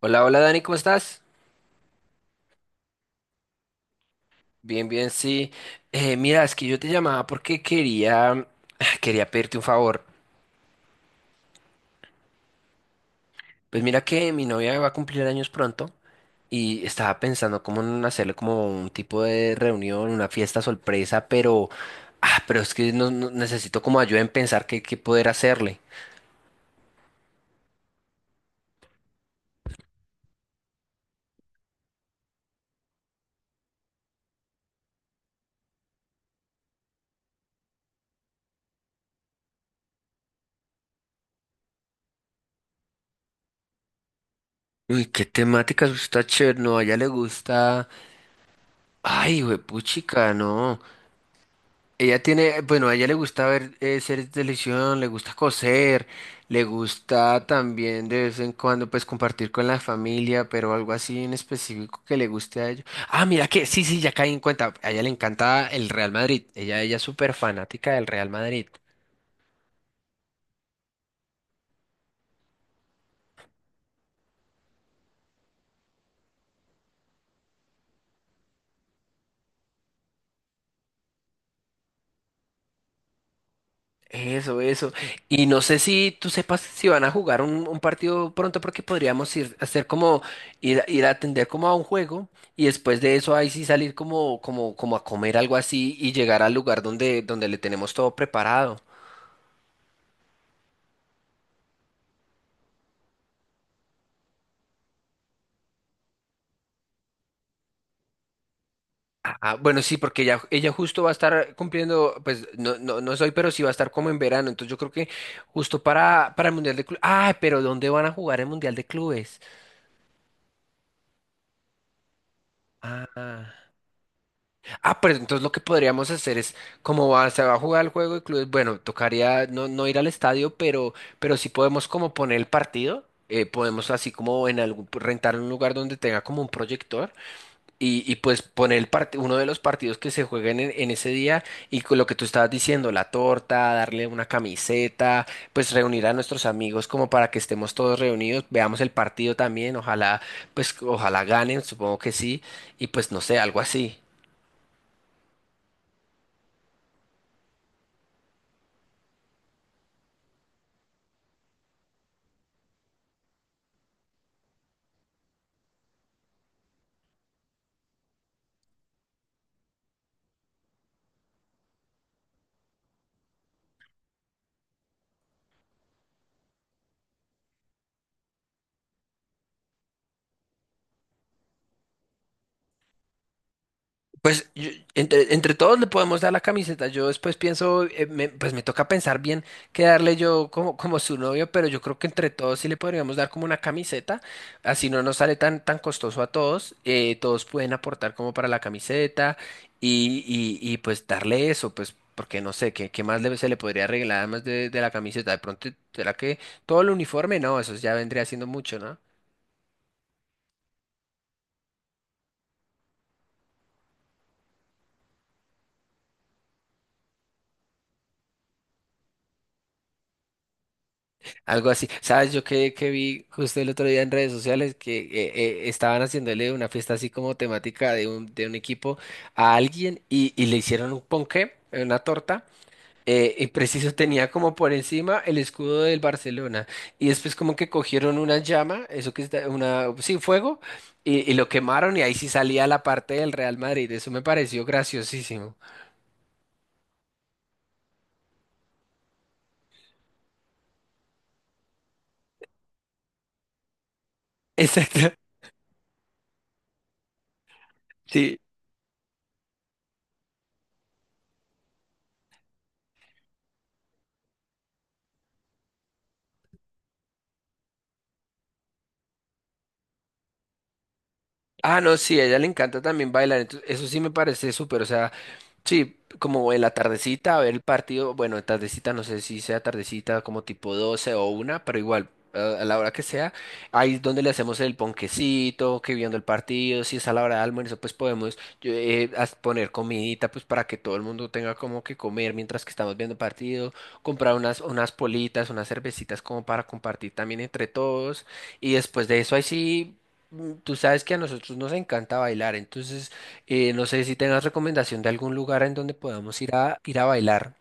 Hola, hola Dani, ¿cómo estás? Bien, bien, sí. Mira, es que yo te llamaba porque quería pedirte un favor. Pues mira que mi novia va a cumplir años pronto y estaba pensando cómo en hacerle como un tipo de reunión, una fiesta sorpresa, pero, ah, pero es que necesito como ayuda en pensar qué poder hacerle. Uy, qué temáticas, está chévere, no, a ella le gusta. Ay, puchica, no. A ella le gusta ver series de televisión, le gusta coser, le gusta también de vez en cuando pues compartir con la familia, pero algo así en específico que le guste a ellos. Ah, mira que, sí, sí, ya caí en cuenta, a ella le encanta el Real Madrid, ella es súper fanática del Real Madrid. Eso, eso. Y no sé si tú sepas si van a jugar un partido pronto porque podríamos ir a hacer como ir a atender como a un juego y después de eso ahí sí salir como a comer algo así y llegar al lugar donde le tenemos todo preparado. Ah, ah, bueno, sí, porque ella justo va a estar cumpliendo, pues no, no, no soy, pero sí va a estar como en verano. Entonces yo creo que justo para el Mundial de Clubes. Ah, pero ¿dónde van a jugar el Mundial de Clubes? Ah. Ah, pero entonces lo que podríamos hacer es, como va- se va a jugar el juego de clubes, bueno, tocaría no ir al estadio, pero sí podemos como poner el partido, podemos así como en algún, rentar un lugar donde tenga como un proyector y, pues poner el part- uno de los partidos que se jueguen en ese día y con lo que tú estabas diciendo, la torta, darle una camiseta, pues reunir a nuestros amigos como para que estemos todos reunidos, veamos el partido también, ojalá, pues ojalá ganen, supongo que sí, y pues no sé, algo así. Pues yo- entre todos le podemos dar la camiseta. Yo después pienso, pues me toca pensar bien qué darle yo como, como su novio, pero yo creo que entre todos sí le podríamos dar como una camiseta. Así no nos sale tan costoso a todos. Todos pueden aportar como para la camiseta y, pues darle eso, pues porque no sé, ¿ qué más le- se le podría arreglar además de la camiseta? De pronto, ¿será que todo el uniforme? No, eso ya vendría siendo mucho, ¿no? Algo así. ¿Sabes? Que vi justo el otro día en redes sociales que estaban haciéndole una fiesta así como temática de de un equipo a alguien y le hicieron un ponqué, una torta, y preciso tenía como por encima el escudo del Barcelona. Y después como que cogieron una llama, eso que está, una, sí, fuego, y, lo quemaron y ahí sí salía la parte del Real Madrid. Eso me pareció graciosísimo. Exacto. Sí. Ah, no, sí, a ella le encanta también bailar, entonces eso sí me parece súper, o sea, sí, como en la tardecita a ver el partido, bueno, en tardecita no sé si sea tardecita como tipo 12 o una, pero igual, a la hora que sea, ahí es donde le hacemos el ponquecito, que viendo el partido, si es a la hora de almuerzo, pues podemos yo, poner comidita, pues para que todo el mundo tenga como que comer mientras que estamos viendo el partido, comprar unas politas, unas cervecitas como para compartir también entre todos. Y después de eso, ahí sí, Mm, tú sabes que a nosotros nos encanta bailar, entonces no sé si tengas recomendación de algún lugar en donde podamos ir a bailar.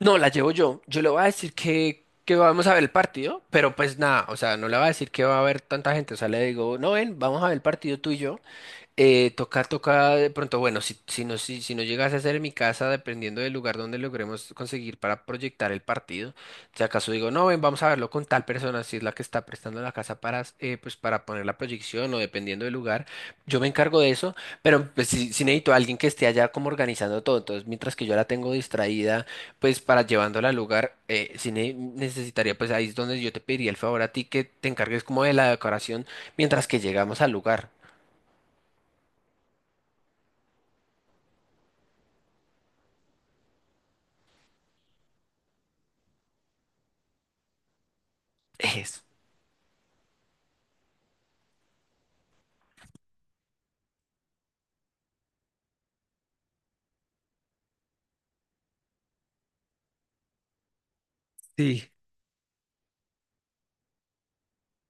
No, la llevo yo. Yo le voy a decir que vamos a ver el partido, pero pues nada, o sea, no le voy a decir que va a haber tanta gente. O sea, le digo, no ven, vamos a ver el partido tú y yo. Toca de pronto, bueno, si no llegase a ser en mi casa, dependiendo del lugar donde logremos conseguir para proyectar el partido, si acaso digo, no, ven, vamos a verlo con tal persona, si es la que está prestando la casa para, pues, para poner la proyección o dependiendo del lugar, yo me encargo de eso, pero pues si, si necesito a alguien que esté allá como organizando todo, entonces mientras que yo la tengo distraída, pues para llevándola al lugar, si ne- necesitaría, pues ahí es donde yo te pediría el favor a ti que te encargues como de la decoración mientras que llegamos al lugar. Sí.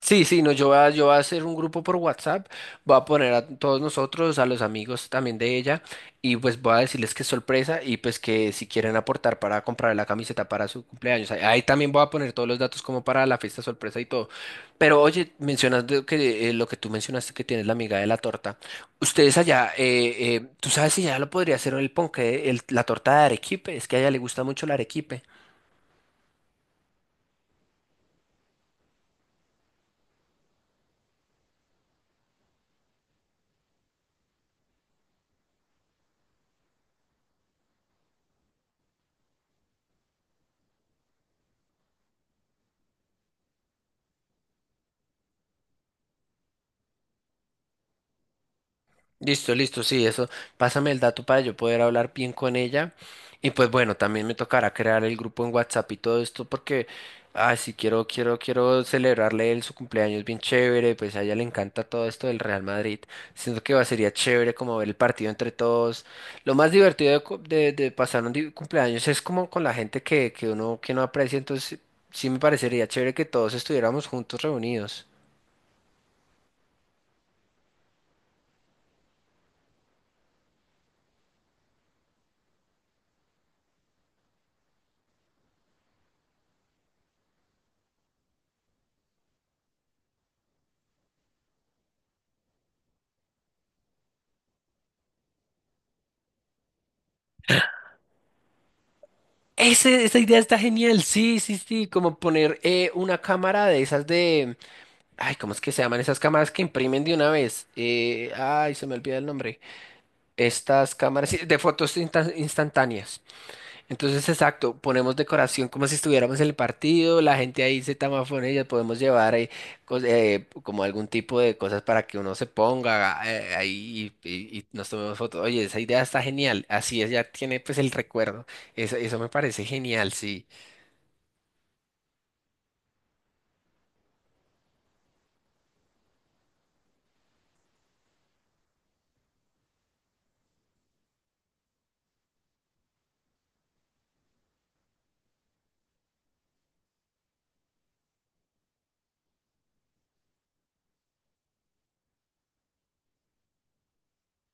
Sí, sí, no, yo voy a hacer un grupo por WhatsApp, voy a poner a todos nosotros, a los amigos también de ella, y pues voy a decirles que es sorpresa y pues que si quieren aportar para comprar la camiseta para su cumpleaños. Ahí también voy a poner todos los datos como para la fiesta sorpresa y todo. Pero oye, mencionas de que, lo que tú mencionaste que tienes la amiga de la torta. Ustedes allá, ¿tú sabes si ya lo podría hacer el ponqué, el- la torta de arequipe? Es que a ella le gusta mucho el arequipe. Listo, listo, sí, eso. Pásame el dato para yo poder hablar bien con ella. Y pues bueno, también me tocará crear el grupo en WhatsApp y todo esto porque, ay, quiero celebrarle él su cumpleaños bien chévere, pues a ella le encanta todo esto del Real Madrid. Siento que va, sería chévere como ver el partido entre todos. Lo más divertido de, cu- de pasar un di- cumpleaños es como con la gente que uno, que no aprecia, entonces sí me parecería chévere que todos estuviéramos juntos reunidos. Ese- esa idea está genial, sí, sí, sí, como poner una cámara de esas de... Ay, ¿cómo es que se llaman esas cámaras que imprimen de una vez? Se me olvida el nombre. Estas cámaras sí, de fotos insta- instantáneas. Entonces, exacto, ponemos decoración como si estuviéramos en el partido, la gente ahí se tamafone y podemos llevar como algún tipo de cosas para que uno se ponga ahí y, nos tomemos fotos. Oye, esa idea está genial, así es, ya tiene pues el recuerdo. Eso me parece genial, sí.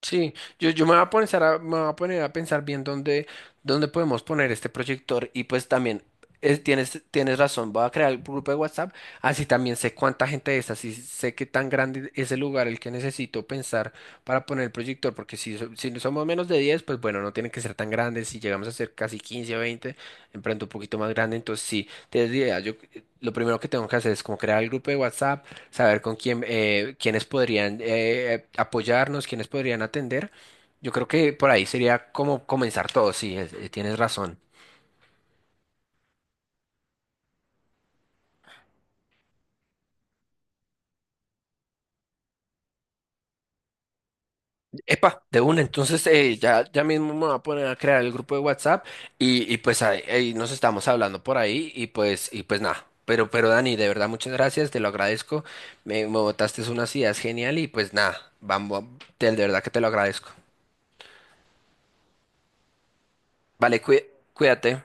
Sí, yo me voy a poner a, me voy a poner a pensar bien dónde, dónde podemos poner este proyector y pues también es- tienes razón, voy a crear el grupo de WhatsApp, así también sé cuánta gente es, así sé qué tan grande es el lugar el que necesito pensar para poner el proyector, porque si, so- si no somos menos de 10 pues bueno, no tiene que ser tan grande, si llegamos a ser casi 15 o 20 en pronto un poquito más grande, entonces sí, tienes idea, yo lo primero que tengo que hacer es como crear el grupo de WhatsApp, saber con quién, quiénes podrían apoyarnos, quiénes podrían atender. Yo creo que por ahí sería como comenzar todo, sí, es- tienes razón. Epa, de una, entonces ya mismo me voy a poner a crear el grupo de WhatsApp y pues ahí nos estamos hablando por ahí y pues nada. Pero Dani, de verdad, muchas gracias, te lo agradezco. Me botaste unas ideas genial y pues nada, vamos, te- de verdad que te lo agradezco. Vale, cuí- cuídate.